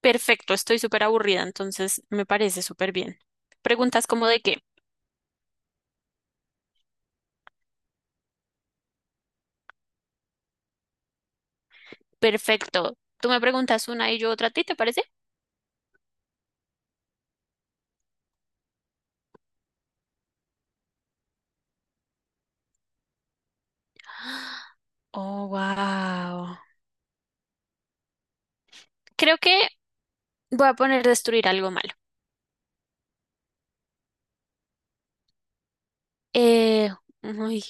Perfecto, estoy súper aburrida, entonces me parece súper bien. Preguntas como de qué. Perfecto. Tú me preguntas una y yo otra a ti, ¿te parece? Oh, wow. Creo que voy a poner destruir algo malo. Eh, uy,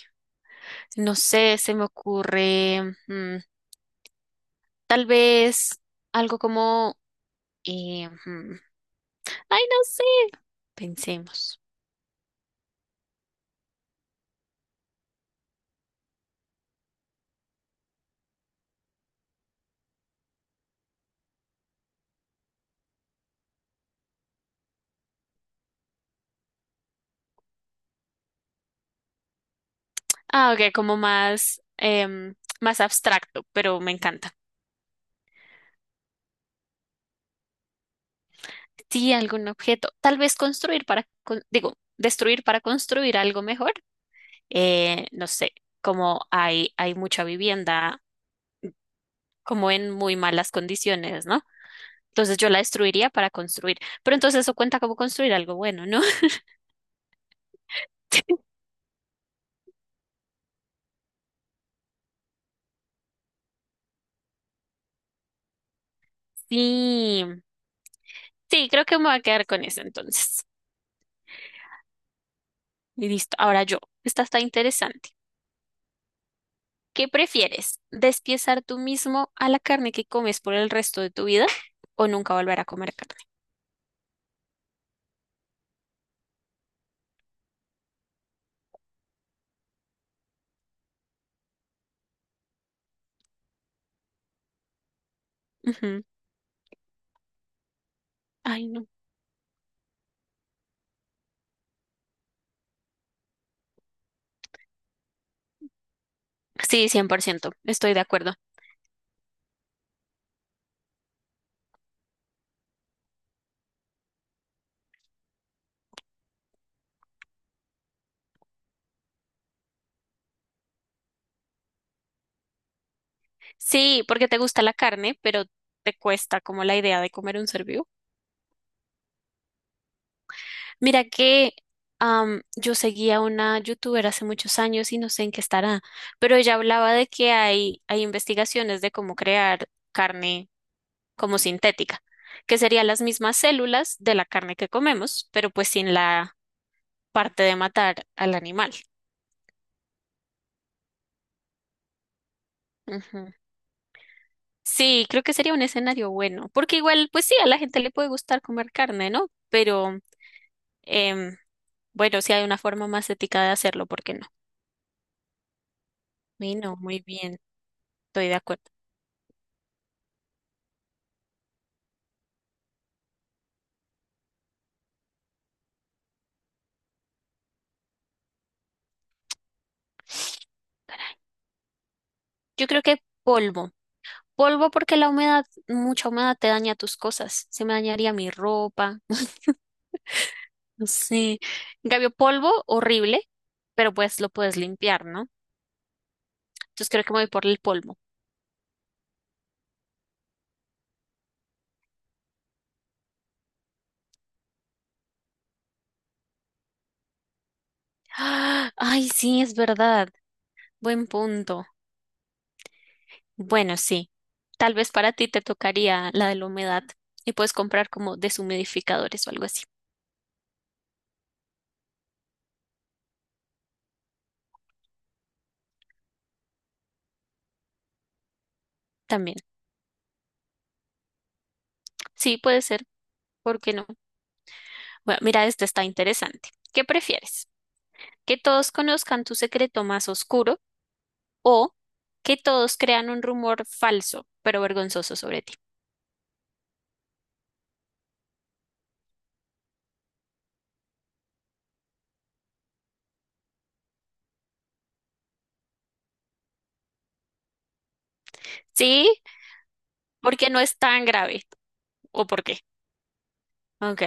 no sé, se me ocurre mm, tal vez algo como... eh, mm, ay, no sé. Pensemos. Ah, ok, como más, más abstracto, pero me encanta. Sí, algún objeto. Tal vez construir para, destruir para construir algo mejor. No sé, como hay mucha vivienda como en muy malas condiciones, ¿no? Entonces yo la destruiría para construir. Pero entonces eso cuenta como construir algo bueno, ¿no? Sí, sí, creo que me voy a quedar con eso entonces. Y listo. Ahora yo. Esta está interesante. ¿Qué prefieres? ¿Despiezar tú mismo a la carne que comes por el resto de tu vida o nunca volver a comer carne? Ujú. Ay, no. Sí, 100%, estoy de acuerdo. Sí, porque te gusta la carne, pero te cuesta como la idea de comer un ser vivo. Mira que yo seguía una youtuber hace muchos años y no sé en qué estará, pero ella hablaba de que hay investigaciones de cómo crear carne como sintética, que serían las mismas células de la carne que comemos, pero pues sin la parte de matar al animal. Ujú. Sí, creo que sería un escenario bueno, porque igual, pues sí, a la gente le puede gustar comer carne, ¿no? Pero Em, bueno, si hay una forma más ética de hacerlo, ¿por qué no? Bueno, muy bien, estoy de acuerdo. Yo creo que polvo. Polvo porque la humedad, mucha humedad te daña tus cosas. Se me dañaría mi ropa. Sí. En cambio, polvo, horrible, pero pues lo puedes limpiar, ¿no? Entonces creo que me voy por el polvo. ¡Ah! Ay, sí, es verdad. Buen punto. Bueno, sí. Tal vez para ti te tocaría la de la humedad y puedes comprar como deshumidificadores o algo así. También. Sí, puede ser. ¿Por qué no? Bueno, mira, este está interesante. ¿Qué prefieres? ¿Que todos conozcan tu secreto más oscuro o que todos crean un rumor falso, pero vergonzoso sobre ti? Sí, porque no es tan grave. ¿O por qué? Ok,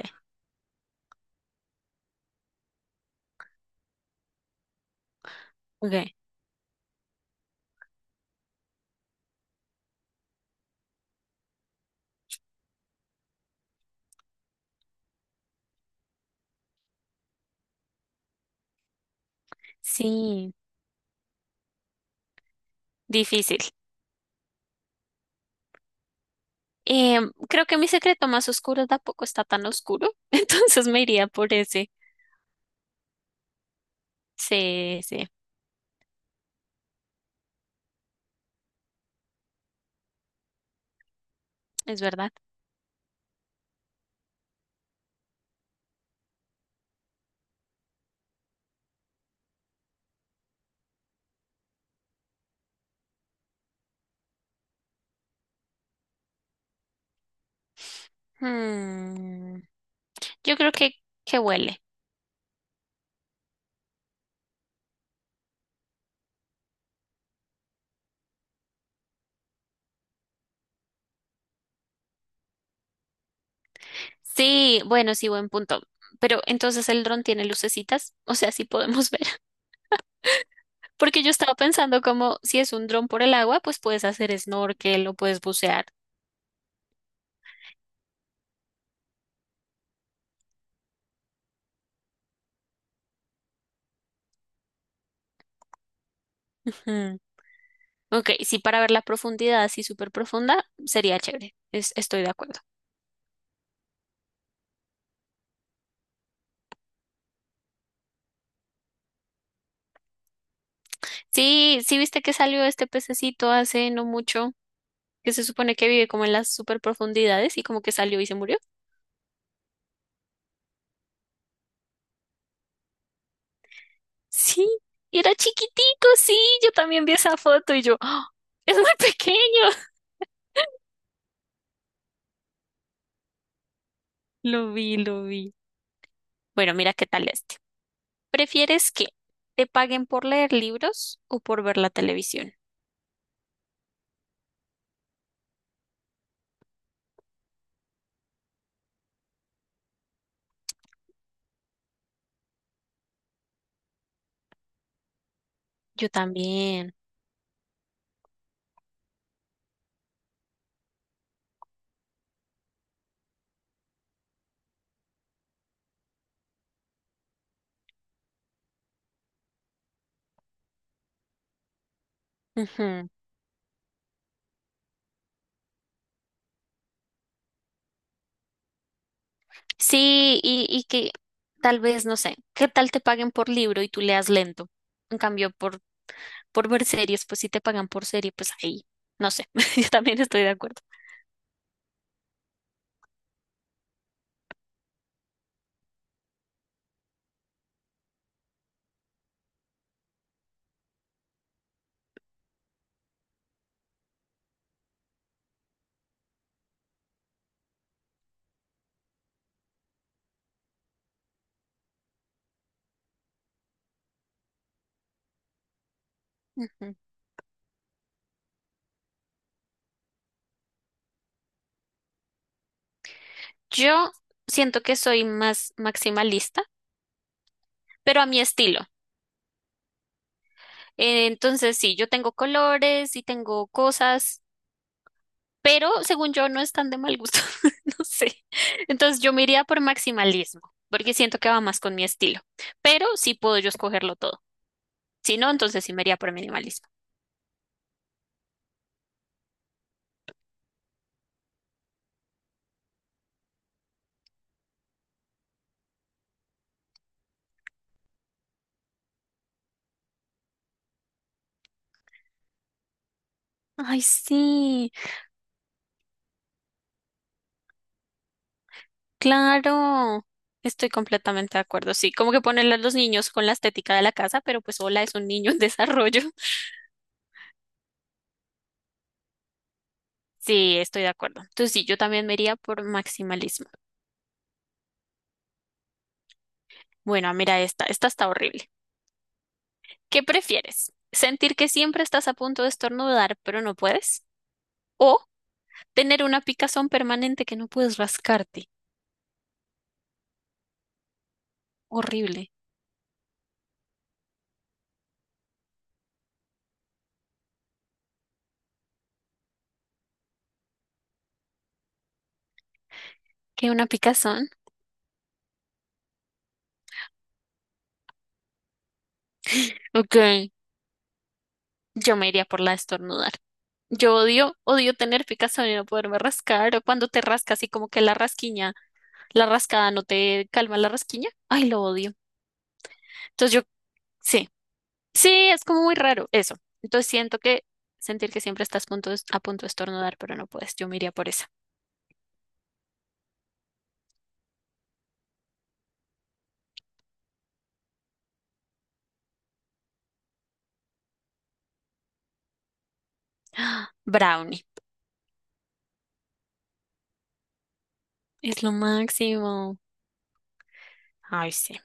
ok. Sí, difícil. Creo que mi secreto más oscuro tampoco está tan oscuro, entonces me iría por ese. Sí, sí, es verdad. Hmm, Yo creo que huele. Sí, bueno, sí, buen punto. Pero entonces el dron tiene lucecitas, o sea, sí podemos ver. Porque yo estaba pensando como si es un dron por el agua, pues puedes hacer snorkel o puedes bucear. Ujú. Ok, sí, para ver la profundidad así súper profunda, sería chévere. Estoy de acuerdo. Sí, sí, viste que salió este pececito hace no mucho, que se supone que vive como en las súper profundidades y como que salió y se murió. Sí, era chiquitico, sí, yo también vi esa foto y yo, ¡ah! Es muy pequeño. Lo vi, lo vi. Bueno, mira qué tal este. ¿Prefieres que te paguen por leer libros o por ver la televisión? Yo también. Ujú. Sí, y que tal vez, no sé, ¿qué tal te paguen por libro y tú leas lento? En cambio, por ver series, pues si te pagan por serie, pues ahí, no sé, yo también estoy de acuerdo. Ujú. Yo siento que soy más maximalista, pero a mi estilo. Entonces, sí, yo tengo colores y tengo cosas, pero según yo no están de mal gusto. No sé. Entonces, yo me iría por maximalismo, porque siento que va más con mi estilo, pero sí puedo yo escogerlo todo. Si no, entonces sí me iría por minimalismo. Ay, sí, claro. Estoy completamente de acuerdo. Sí, como que ponerle a los niños con la estética de la casa, pero pues hola, es un niño en desarrollo. Sí, estoy de acuerdo. Entonces sí, yo también me iría por maximalismo. Bueno, mira esta, esta está horrible. ¿Qué prefieres? ¿Sentir que siempre estás a punto de estornudar, pero no puedes? O tener una picazón permanente que no puedes rascarte. Horrible. ¿Qué una picazón? Ok, yo me iría por la de estornudar. Yo odio, odio tener picazón y no poderme rascar, o cuando te rascas y como que la rasquiña, la rascada no te calma la rasquiña. Ay, lo odio. Entonces yo, sí, sí, es como muy raro eso. Entonces siento que sentir que siempre estás a punto de estornudar, pero no puedes. Yo me iría por esa. Brownie. Es lo máximo. Ay, sí.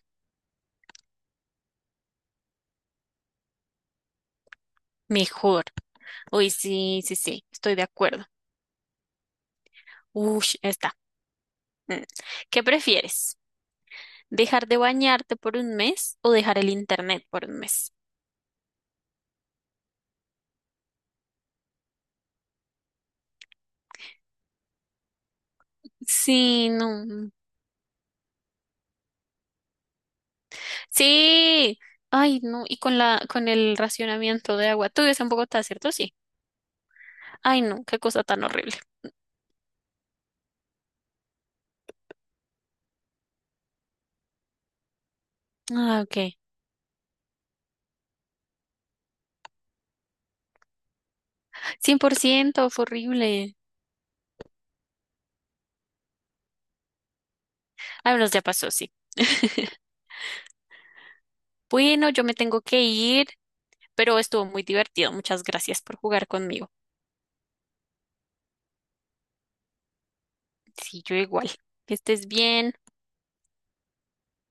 Mejor. Uy, sí, sí, sí. Estoy de acuerdo. Ush, está. Mm. ¿Qué prefieres? ¿Dejar de bañarte por un mes o dejar el internet por un mes? Sí, no. Sí. Ay, no. Y con la, con el racionamiento de agua. Tú vives en Bogotá, ¿cierto? Sí. Ay, no. Qué cosa tan horrible. Ah, ok. 100% fue horrible. Ah, bueno, ya pasó, sí. Bueno, yo me tengo que ir, pero estuvo muy divertido. Muchas gracias por jugar conmigo. Sí, yo igual. Que estés bien.